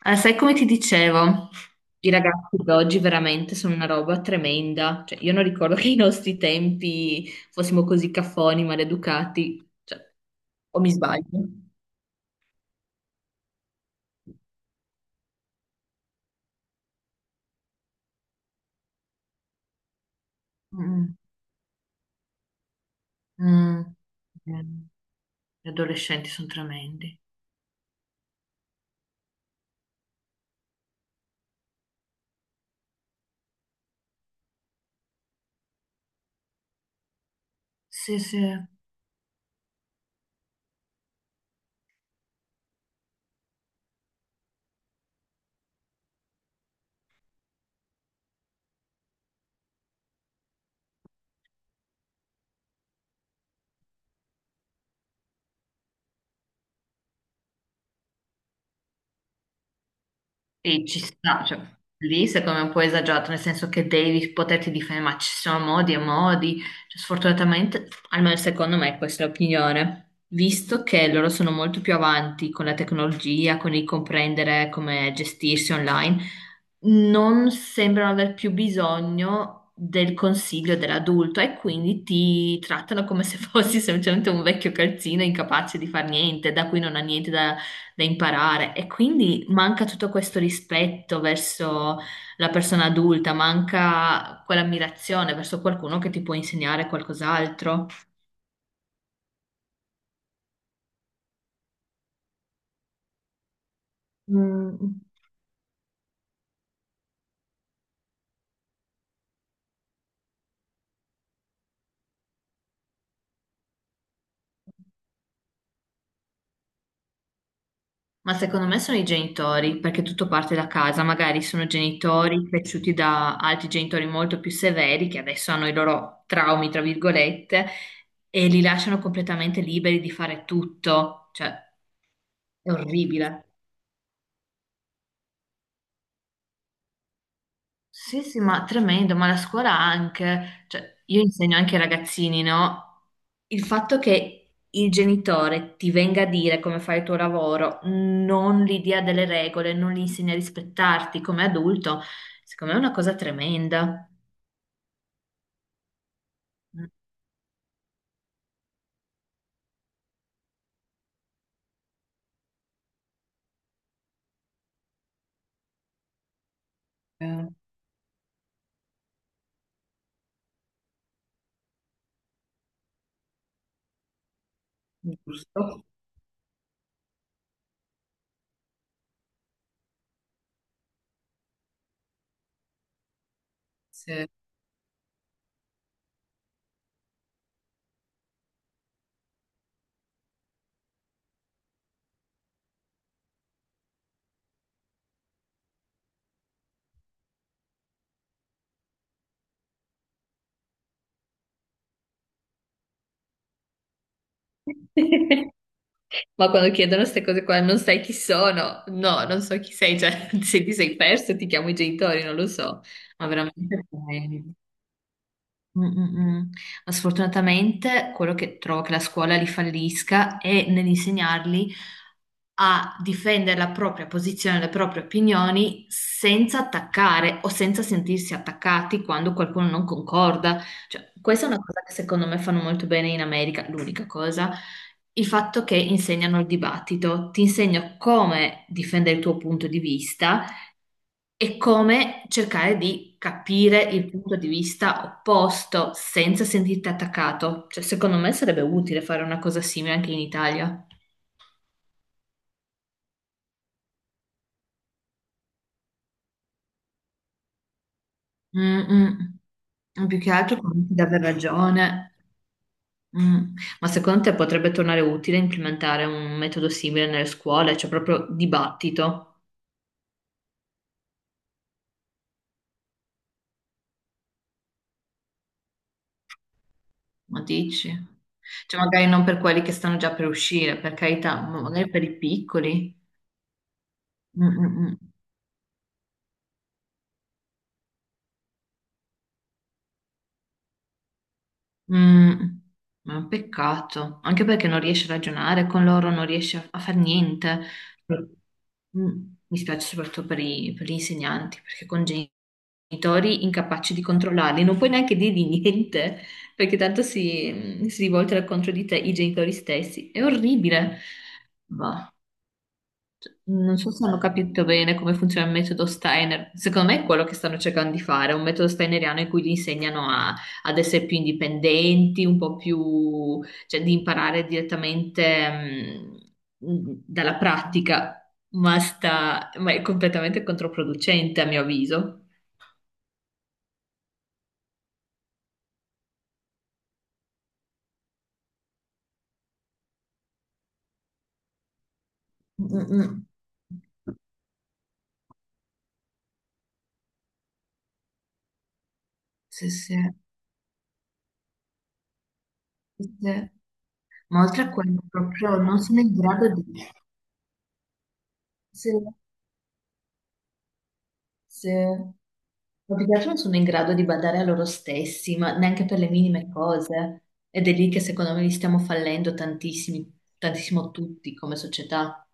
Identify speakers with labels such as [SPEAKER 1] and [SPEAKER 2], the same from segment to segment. [SPEAKER 1] Ah, sai come ti dicevo, i ragazzi di oggi veramente sono una roba tremenda. Cioè, io non ricordo che ai nostri tempi fossimo così caffoni, maleducati. Cioè, o mi sbaglio? Mm, mm. Eh, Gli adolescenti sono tremendi. Sì, sì. Sì, ci sta, cioè, lì secondo me è un po' esagerato, nel senso che devi poterti difendere, ma ci sono modi e modi. Cioè, sfortunatamente, almeno secondo me, questa è l'opinione. Visto che loro sono molto più avanti con la tecnologia, con il comprendere come gestirsi online, non sembrano aver più bisogno del consiglio dell'adulto e quindi ti trattano come se fossi semplicemente un vecchio calzino incapace di far niente, da cui non ha niente da imparare. E quindi manca tutto questo rispetto verso la persona adulta, manca quell'ammirazione verso qualcuno che ti può insegnare qualcos'altro. Mm. Ma secondo me sono i genitori, perché tutto parte da casa, magari sono genitori cresciuti da altri genitori molto più severi che adesso hanno i loro traumi, tra virgolette, e li lasciano completamente liberi di fare tutto, cioè è orribile. Sì, sì, ma tremendo, ma la scuola anche, cioè io insegno anche ai ragazzini, no? Il fatto che il genitore ti venga a dire come fare il tuo lavoro, non gli dia delle regole, non gli insegna a rispettarti come adulto, secondo me è una cosa tremenda. Eh, giusto? Sì. Ma quando chiedono queste cose qua, non sai chi sono? No, non so chi sei, cioè se ti sei perso ti chiamo i genitori, non lo so, ma veramente... Mm, mm, mm. Ma sfortunatamente quello che trovo che la scuola li fallisca è nell'insegnarli a difendere la propria posizione, le proprie opinioni senza attaccare o senza sentirsi attaccati quando qualcuno non concorda. Cioè, questa è una cosa che secondo me fanno molto bene in America, l'unica cosa, il fatto che insegnano il dibattito, ti insegno come difendere il tuo punto di vista e come cercare di capire il punto di vista opposto senza sentirti attaccato. Cioè, secondo me sarebbe utile fare una cosa simile anche in Italia. Mm, mm. Più che altro convinti di aver ragione. Mm. Ma secondo te potrebbe tornare utile implementare un metodo simile nelle scuole, cioè proprio dibattito? Ma dici? Cioè, magari non per quelli che stanno già per uscire, per carità, ma magari per i piccoli. Mm, mm, mm. Mm, ma è un peccato, anche perché non riesci a ragionare con loro, non riesci a fare niente. Mm, mi spiace soprattutto per, per gli insegnanti, perché con genitori incapaci di controllarli, non puoi neanche dirgli niente, perché tanto si rivoltano contro di te i genitori stessi. È orribile. Non so se hanno capito bene come funziona il metodo Steiner. Secondo me è quello che stanno cercando di fare, è un metodo steineriano in cui gli insegnano ad essere più indipendenti, un po' più, cioè di imparare direttamente dalla pratica, ma è completamente controproducente a mio avviso. Mm-mm. Sì, sì, sì. Ma oltre a quello, proprio non sono in grado di... Sì, sì. Ma più che altro non sono in grado di badare a loro stessi, ma neanche per le minime cose. Ed è lì che secondo me li stiamo fallendo tantissimi, tantissimo tutti come società.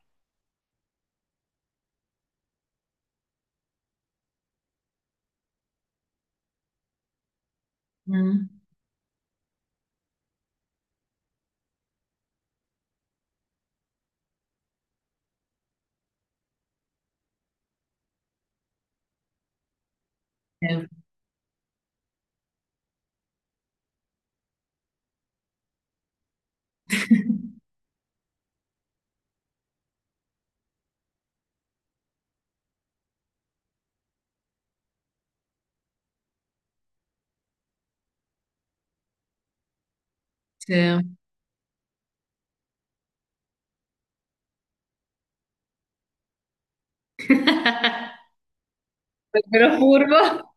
[SPEAKER 1] Mm. Sì. Sì. Davvero furbo.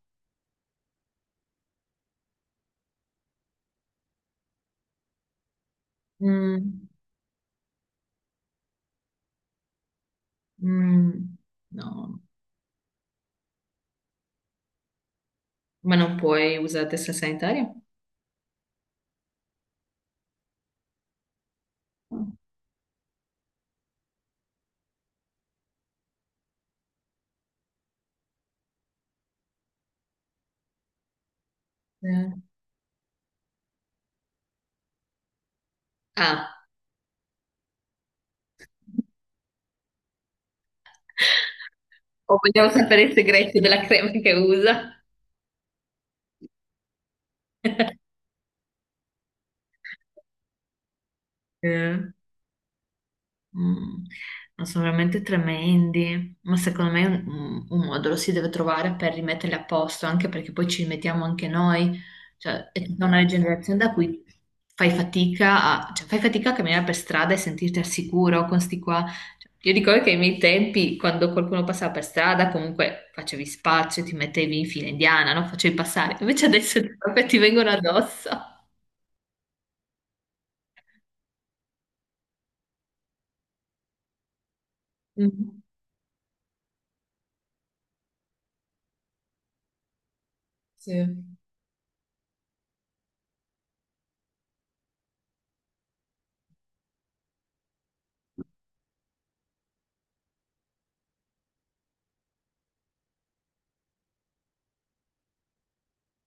[SPEAKER 1] Mm. Mm. No, ma non puoi usare la testa sanitaria? Sì. Ah, o vogliamo sapere i segreti della crema che usa? Sì. Mm, no, sono veramente tremendi, ma secondo me un modo lo si deve trovare per rimetterli a posto, anche perché poi ci rimettiamo anche noi, cioè è tutta una generazione da cui fai fatica a, cioè, fai fatica a camminare per strada e sentirti al sicuro con sti qua. Cioè, io ricordo che ai miei tempi, quando qualcuno passava per strada, comunque facevi spazio, ti mettevi in fila indiana, no? Facevi passare, invece adesso proprio ti vengono addosso. Mm, sì.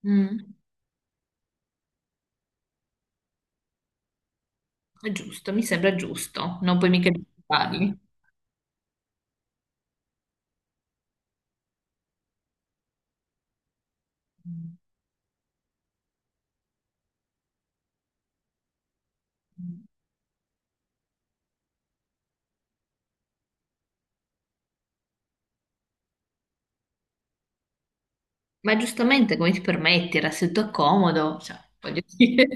[SPEAKER 1] Mm. È giusto, mi sembra giusto, non puoi mica giustificarli. Ma giustamente come ti permetti, era seduto a comodo, cioè, voglio dire,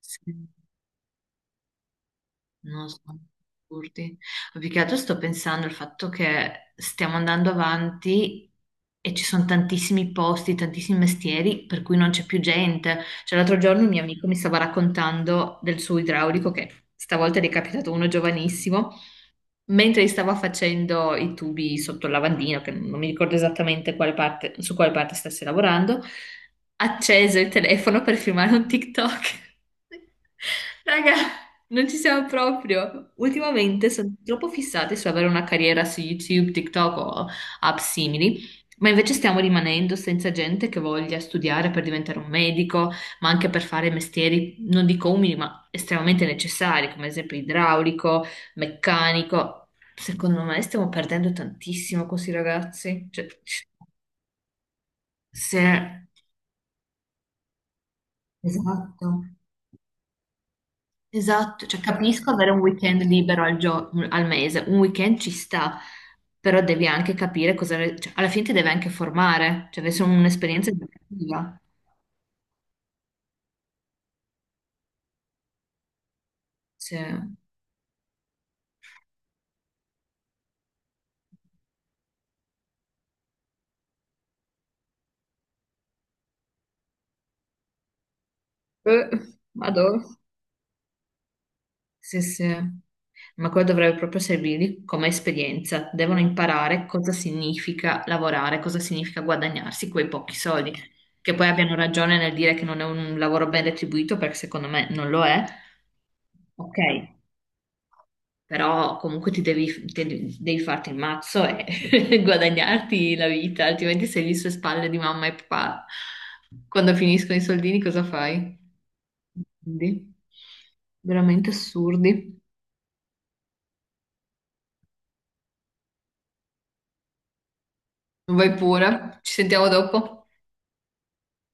[SPEAKER 1] sì, non so, assurdi. Ma più che altro sto pensando al fatto che stiamo andando avanti e ci sono tantissimi posti, tantissimi mestieri per cui non c'è più gente. Cioè, l'altro giorno un mio amico mi stava raccontando del suo idraulico, che stavolta gli è capitato uno giovanissimo, mentre gli stavo facendo i tubi sotto il lavandino, che non mi ricordo esattamente su quale parte stesse lavorando, acceso il telefono per filmare un TikTok. Raga, non ci siamo proprio. Ultimamente sono troppo fissati su avere una carriera su YouTube, TikTok o app simili, ma invece stiamo rimanendo senza gente che voglia studiare per diventare un medico, ma anche per fare mestieri, non dico umili, ma estremamente necessari, come ad esempio idraulico meccanico. Secondo me stiamo perdendo tantissimo con questi ragazzi. Cioè, se... Esatto, esatto. Cioè, capisco avere un weekend libero al mese, un weekend ci sta, però devi anche capire cosa... cioè, alla fine ti deve anche formare, cioè deve essere un'esperienza educativa. Cioè, eh, vado. Sì, sì. Ma quello dovrebbe proprio servirgli come esperienza. Devono imparare cosa significa lavorare, cosa significa guadagnarsi quei pochi soldi. Che poi abbiano ragione nel dire che non è un lavoro ben retribuito, perché secondo me non lo è. Ok, però comunque ti devi, devi farti il mazzo e guadagnarti la vita, altrimenti sei lì sulle spalle di mamma e papà. Quando finiscono i soldini, cosa fai? Quindi, veramente assurdi. Vai pure, ci sentiamo dopo.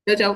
[SPEAKER 1] Ciao ciao.